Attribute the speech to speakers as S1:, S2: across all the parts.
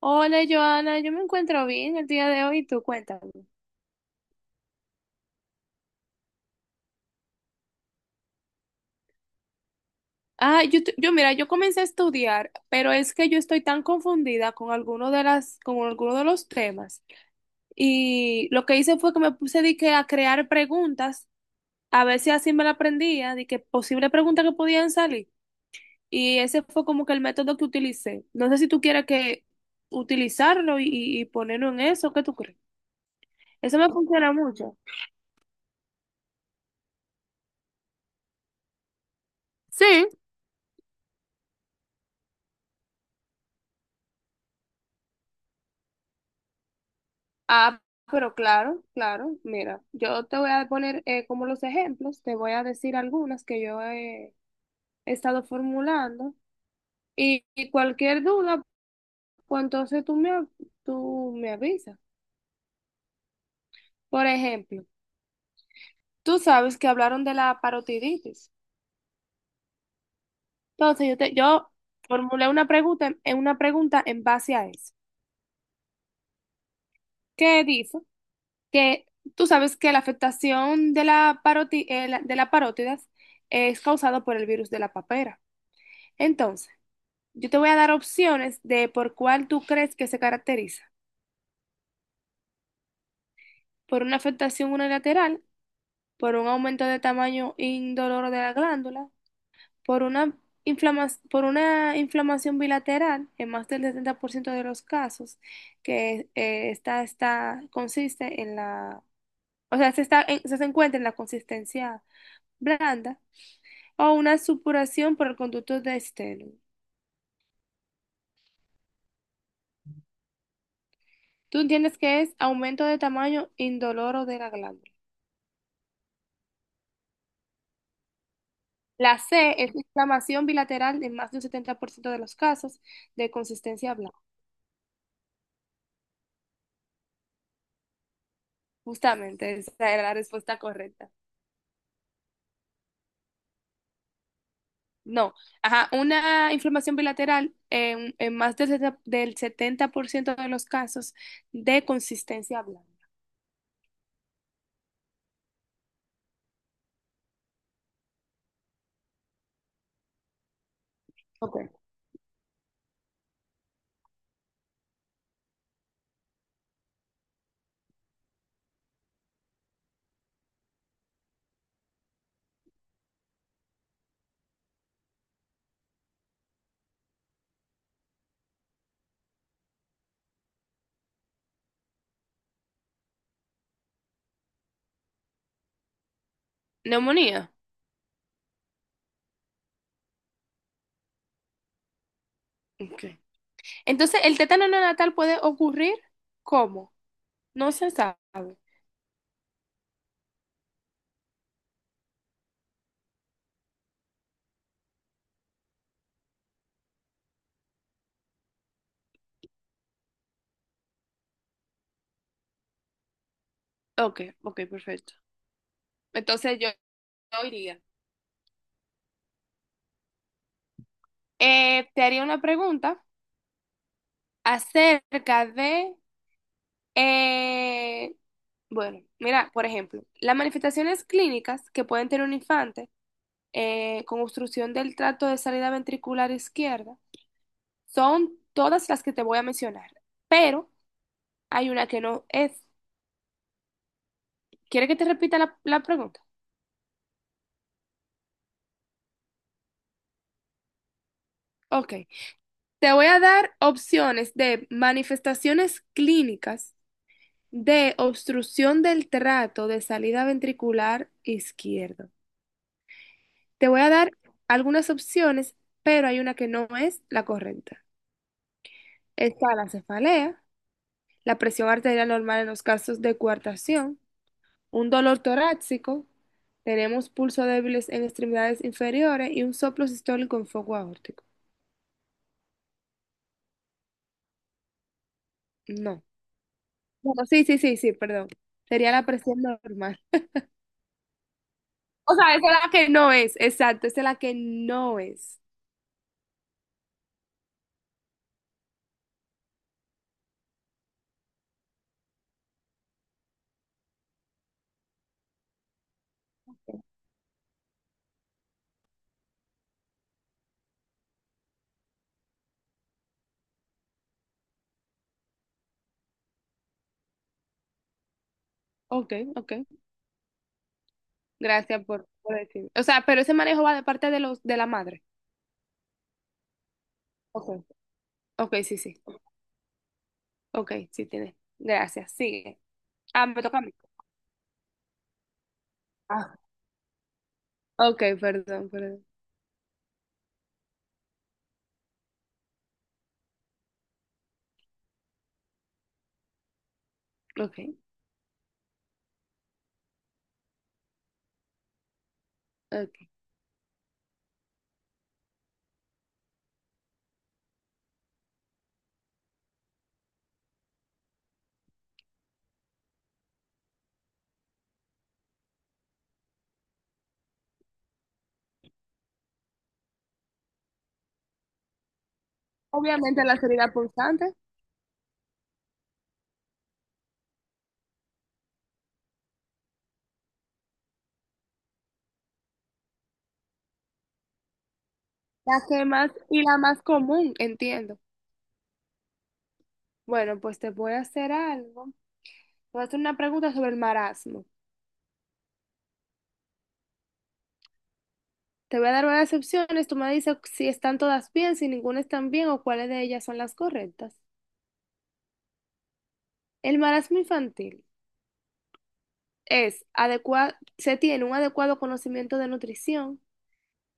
S1: Hola, Joana, yo me encuentro bien el día de hoy, tú cuéntame. Ah, yo, tu- yo Mira, yo comencé a estudiar, pero es que yo estoy tan confundida con alguno de los temas. Y lo que hice fue que me puse de que a crear preguntas, a ver si así me la aprendía, de que posibles preguntas que podían salir. Y ese fue como que el método que utilicé. No sé si tú quieres que utilizarlo y ponerlo en eso, ¿qué tú crees? Eso me funciona mucho. Sí. Ah, claro, mira, yo te voy a poner como los ejemplos, te voy a decir algunas que he estado formulando y cualquier duda, pues entonces tú me avisas. Por ejemplo, tú sabes que hablaron de la parotiditis. Entonces yo formulé en una pregunta en base a eso. ¿Qué dice? Que tú sabes que la afectación de de la parótidas es causada por el virus de la papera. Entonces, yo te voy a dar opciones de por cuál tú crees que se caracteriza. Por una afectación unilateral, por un aumento de tamaño indoloro de la glándula, por una por una inflamación bilateral en más del 70% de los casos, que esta consiste en la, o sea, se encuentra en la consistencia blanda, o una supuración por el conducto de esteno. ¿Tú entiendes que es aumento de tamaño indoloro de la glándula? La C es inflamación bilateral en más de un 70% de los casos de consistencia blanca. Justamente, esa era la respuesta correcta. No, ajá, una inflamación bilateral en más del 70% de los casos de consistencia blanca. Okay. Neumonía. Ok. Entonces, el tétano neonatal puede ocurrir, ¿cómo? No se sabe. Ok, ok, perfecto. Entonces yo iría. Te haría una pregunta acerca de... Eh, bueno, mira, por ejemplo, las manifestaciones clínicas que pueden tener un infante con obstrucción del tracto de salida ventricular izquierda son todas las que te voy a mencionar, pero hay una que no es. ¿Quieres que te repita la pregunta? Ok, te voy a dar opciones de manifestaciones clínicas de obstrucción del trato de salida ventricular izquierdo. Te voy a dar algunas opciones, pero hay una que no es la correcta. Está la cefalea, la presión arterial normal en los casos de coartación, un dolor torácico, tenemos pulso débiles en extremidades inferiores y un soplo sistólico en foco aórtico. No. Bueno, sí, sí, perdón. Sería la presión normal. O sea, esa es la que no es, exacto, esa es la que no es. Ok, ok. Gracias por decirme. O sea, pero ese manejo va de parte de los de la madre. Ok, ok, sí, sí. Ok, sí tiene. Gracias. Sigue. Ah, me toca a mí. Ah. Ok, perdón, perdón. Ok, ok. Obviamente la seriedad pulsante, la que más y la más común, entiendo. Bueno, pues te voy a hacer algo. Te voy a hacer una pregunta sobre el marasmo. Te voy a dar varias opciones. Tú me dices si están todas bien, si ninguna están bien o cuáles de ellas son las correctas. El marasmo infantil es adecuado, se tiene un adecuado conocimiento de nutrición,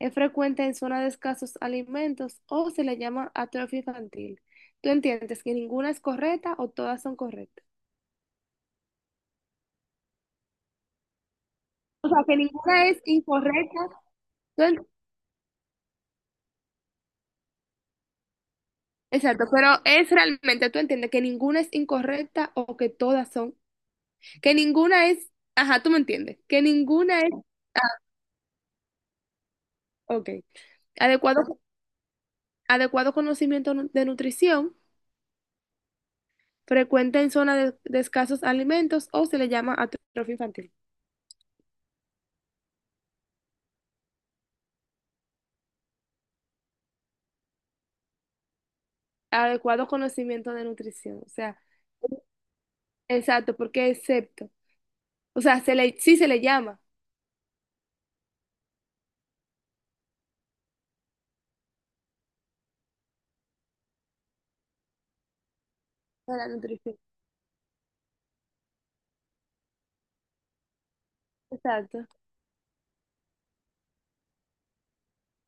S1: es frecuente en zonas de escasos alimentos o se le llama atrofia infantil. ¿Tú entiendes que ninguna es correcta o todas son correctas? O sea, que ninguna es incorrecta. ¿Tú en- Exacto, pero es realmente, ¿tú entiendes que ninguna es incorrecta o que todas son? Que ninguna es, ajá, tú me entiendes, que ninguna es, ok. Adecuado, Adecuado conocimiento de nutrición, frecuente en zonas de escasos alimentos o se le llama atrofia infantil. Adecuado conocimiento de nutrición, o sea. Exacto, porque excepto. O sea, se le, sí se le llama a la nutrición. Exacto,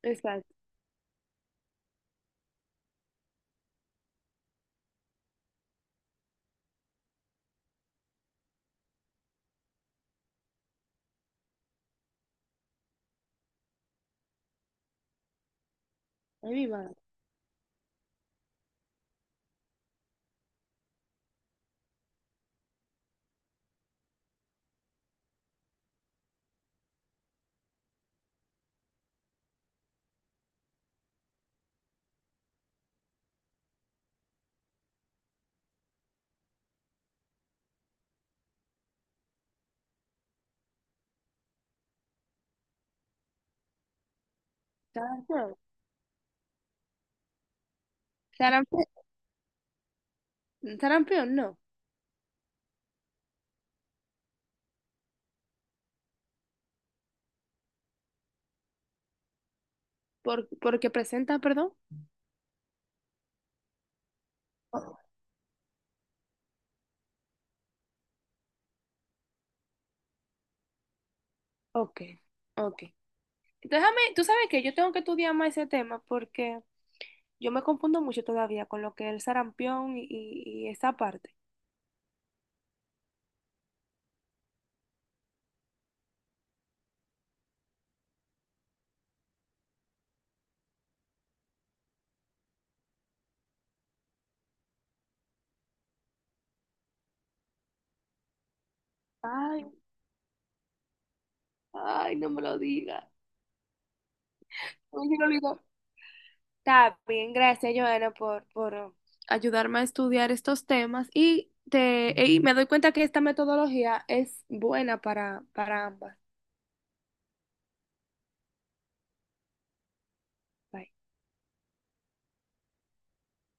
S1: exacto. Ay, mi madre. Sarampión. Sarampe- Sarampión, no. Por, porque presenta, perdón. O- Ok, ok. Déjame, tú sabes que yo tengo que estudiar más ese tema porque yo me confundo mucho todavía con lo que es el sarampión y esa parte. Ay, ay, no me lo digas. Está bien, gracias, Joana, por ayudarme a estudiar estos temas y me doy cuenta que esta metodología es buena para ambas. Bye.